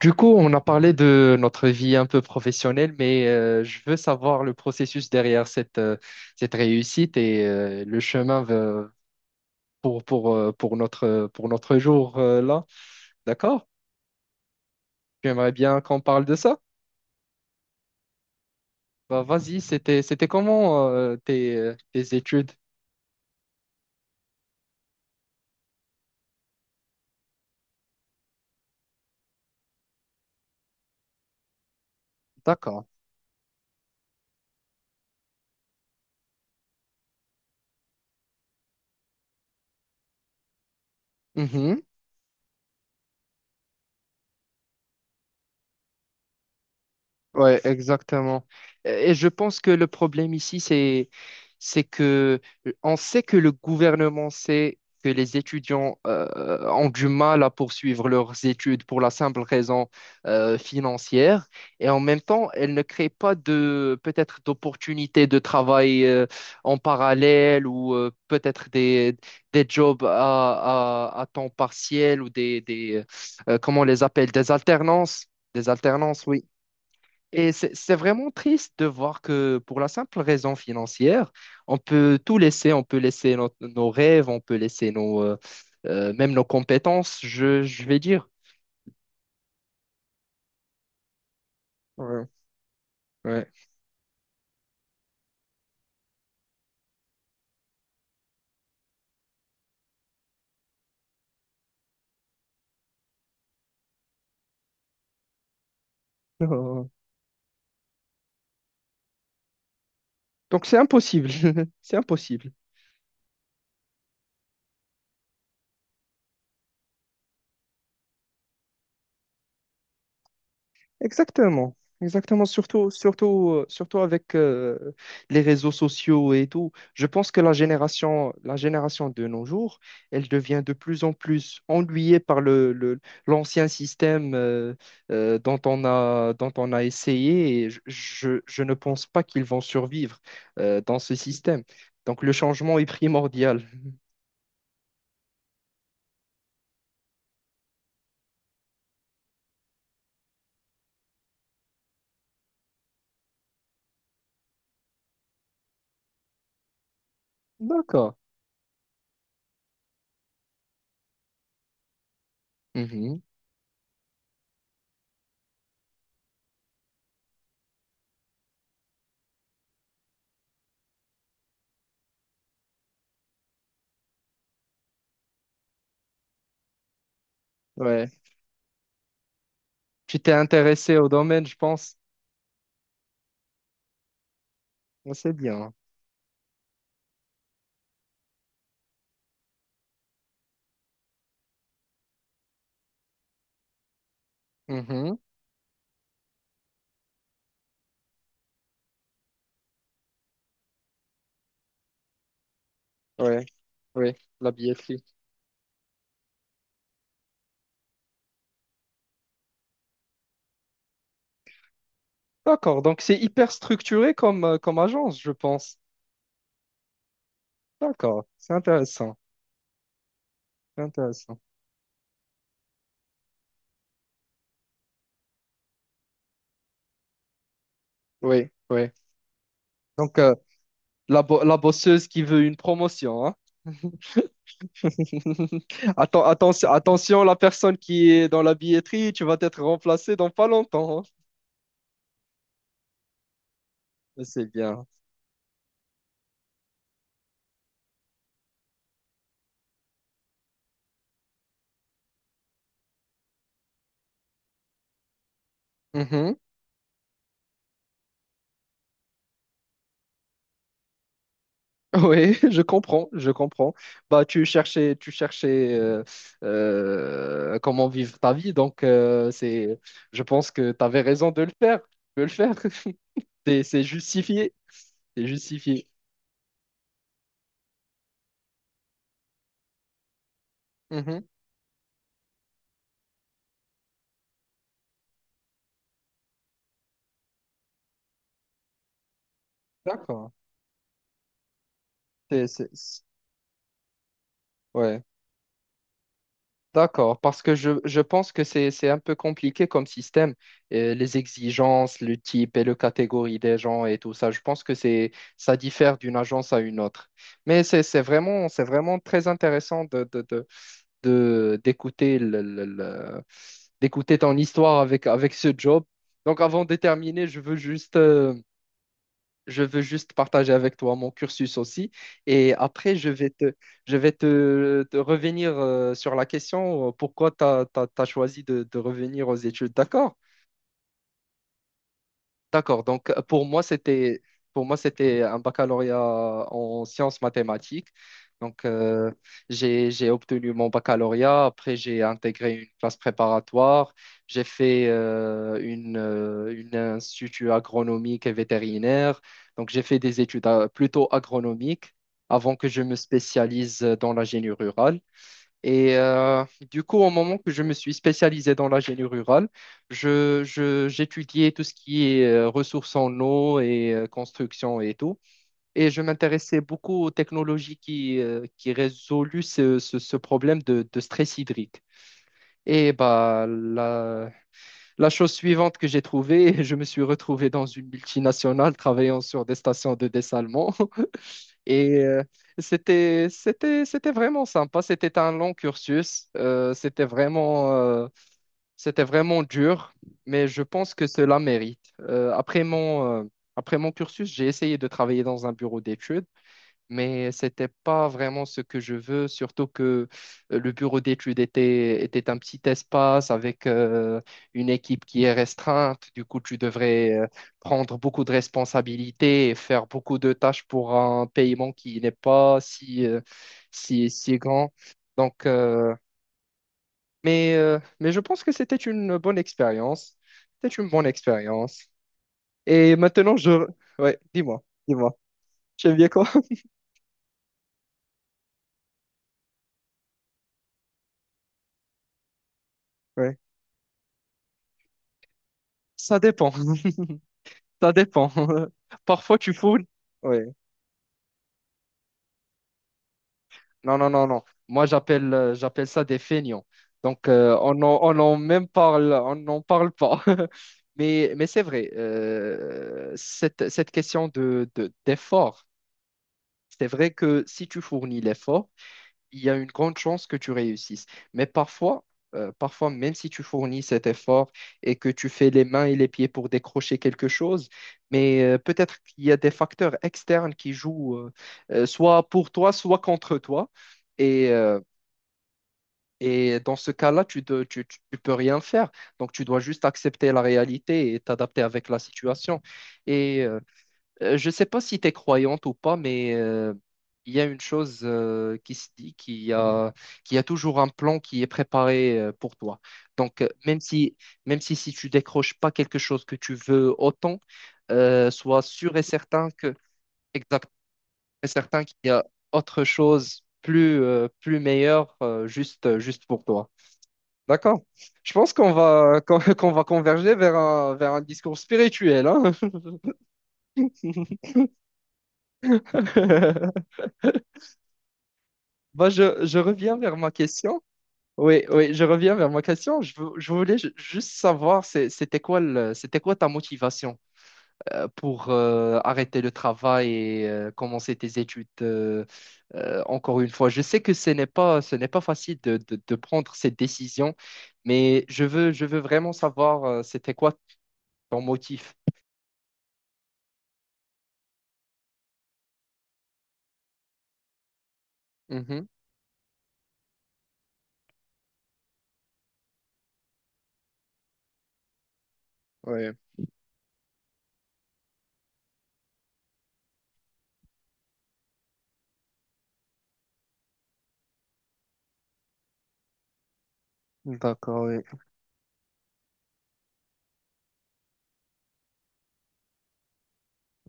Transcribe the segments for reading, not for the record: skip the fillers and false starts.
Du coup, on a parlé de notre vie un peu professionnelle, mais je veux savoir le processus derrière cette réussite et le chemin pour pour notre jour là. D'accord? J'aimerais bien qu'on parle de ça. Bah, vas-y, c'était comment tes études? D'accord. Mhm. Ouais, exactement. Et je pense que le problème ici, c'est que on sait que le gouvernement sait que les étudiants ont du mal à poursuivre leurs études pour la simple raison financière. Et en même temps, elle ne crée pas de, peut-être d'opportunités de travail en parallèle ou des jobs à temps partiel ou des comment on les appelle, des alternances. Des alternances, oui. Et c'est vraiment triste de voir que pour la simple raison financière, on peut tout laisser, on peut laisser nos rêves, on peut laisser même nos compétences, je vais dire. Ouais, ouais. Donc c'est impossible, c'est impossible. Exactement, exactement, surtout avec les réseaux sociaux et tout. Je pense que la génération de nos jours, elle devient de plus en plus ennuyée par l'ancien système dont on dont on a essayé et je ne pense pas qu'ils vont survivre dans ce système. Donc le changement est primordial. D'accord. Mhm. Ouais. Tu t'es intéressé au domaine, je pense. Ah, c'est bien. Mhm. Ouais, ouais, la billetterie. D'accord, donc c'est hyper structuré comme, comme agence, je pense. D'accord, c'est intéressant, c'est intéressant. Oui, oui. Donc, la bosseuse qui veut une promotion, hein. Attention, la personne qui est dans la billetterie, tu vas être remplacé dans pas longtemps, hein. Mais c'est bien. Mhm. Oui, je comprends, je comprends. Bah, tu cherchais comment vivre ta vie, donc je pense que tu avais raison de le faire, tu peux le faire. C'est justifié, c'est justifié. Mhm. D'accord. C'est, c'est- c'est- Ouais, d'accord. Parce que je pense que c'est un peu compliqué comme système. Les exigences, le type et le catégorie des gens et tout ça, je pense que ça diffère d'une agence à une autre. Mais c'est vraiment, c'est vraiment très intéressant de d'écouter le- d'écouter ton histoire avec avec ce job. Donc avant de terminer, je veux juste partager avec toi mon cursus aussi et après je vais te revenir sur la question pourquoi tu as choisi de revenir aux études. D'accord? D'accord. Donc, pour moi, c'était c'était un baccalauréat en sciences mathématiques. Donc, j'ai obtenu mon baccalauréat. Après, j'ai intégré une classe préparatoire. J'ai fait une institut agronomique et vétérinaire. Donc, j'ai fait des études plutôt agronomiques avant que je me spécialise dans l'ingénierie rurale. Et du coup, au moment que je me suis spécialisé dans la rurale, j'étudiais tout ce qui est ressources en eau et construction et tout. Et je m'intéressais beaucoup aux technologies qui résoluent ce problème de stress hydrique. Et bah, la chose suivante que j'ai trouvée, je me suis retrouvé dans une multinationale travaillant sur des stations de dessalement. Et c'était vraiment sympa. C'était un long cursus. C'était vraiment dur, mais je pense que cela mérite. Après mon cursus, j'ai essayé de travailler dans un bureau d'études mais c'était pas vraiment ce que je veux, surtout que le bureau d'études était un petit espace avec une équipe qui est restreinte. Du coup, tu devrais prendre beaucoup de responsabilités et faire beaucoup de tâches pour un paiement qui n'est pas si grand. Donc, mais je pense que c'était une bonne expérience. C'était une bonne expérience. Et maintenant, je... Ouais, dis-moi, dis-moi. J'aime bien quoi? Ouais. Ça dépend. Ça dépend. Parfois, tu foules. Oui. Non, non, non, non. Moi, j'appelle j'appelle ça des feignants. Donc, on n'en parle pas. Mais c'est vrai, cette question d'effort, c'est vrai que si tu fournis l'effort, il y a une grande chance que tu réussisses. Mais parfois, parfois, même si tu fournis cet effort et que tu fais les mains et les pieds pour décrocher quelque chose, mais peut-être qu'il y a des facteurs externes qui jouent soit pour toi, soit contre toi. Et, euh, et dans ce cas-là, tu peux rien faire. Donc, tu dois juste accepter la réalité et t'adapter avec la situation. Et je ne sais pas si tu es croyante ou pas, mais il y a une chose qui se dit, qu'il y a toujours un plan qui est préparé pour toi. Donc, même si, si tu décroches pas quelque chose que tu veux autant, sois sûr et certain que, exact, et certain qu'il y a autre chose plus, plus meilleure juste pour toi. D'accord. Je pense qu'on va, qu'on va converger vers vers un discours spirituel, hein. Bah, je reviens vers ma question. Oui, oui, je reviens vers ma question. Je voulais juste savoir, c'était quoi c'était quoi ta motivation pour arrêter le travail et commencer tes études encore une fois. Je sais que ce n'est pas facile de, de prendre cette décision, mais je veux vraiment savoir c'était quoi ton motif. Mhm. Ouais. D'accord, oui.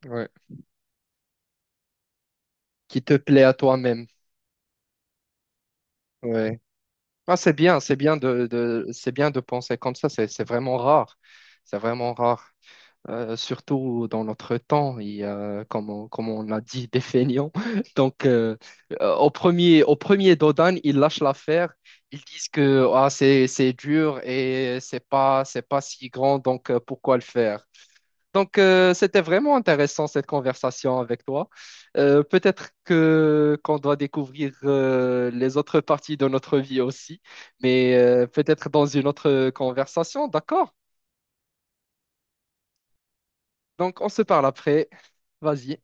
Ouais. Qui te plaît à toi-même. Ouais. Ah, c'est bien de, c'est bien de penser comme ça, c'est vraiment rare. C'est vraiment rare. Surtout dans notre temps, il y a, comme, on, comme on a dit, des feignants. Donc, au premier Dodan, ils lâchent l'affaire. Ils disent que ah, c'est dur et c'est pas si grand, donc pourquoi le faire? Donc, c'était vraiment intéressant cette conversation avec toi. Peut-être que qu'on doit découvrir les autres parties de notre vie aussi, mais peut-être dans une autre conversation, d'accord? Donc, on se parle après. Vas-y.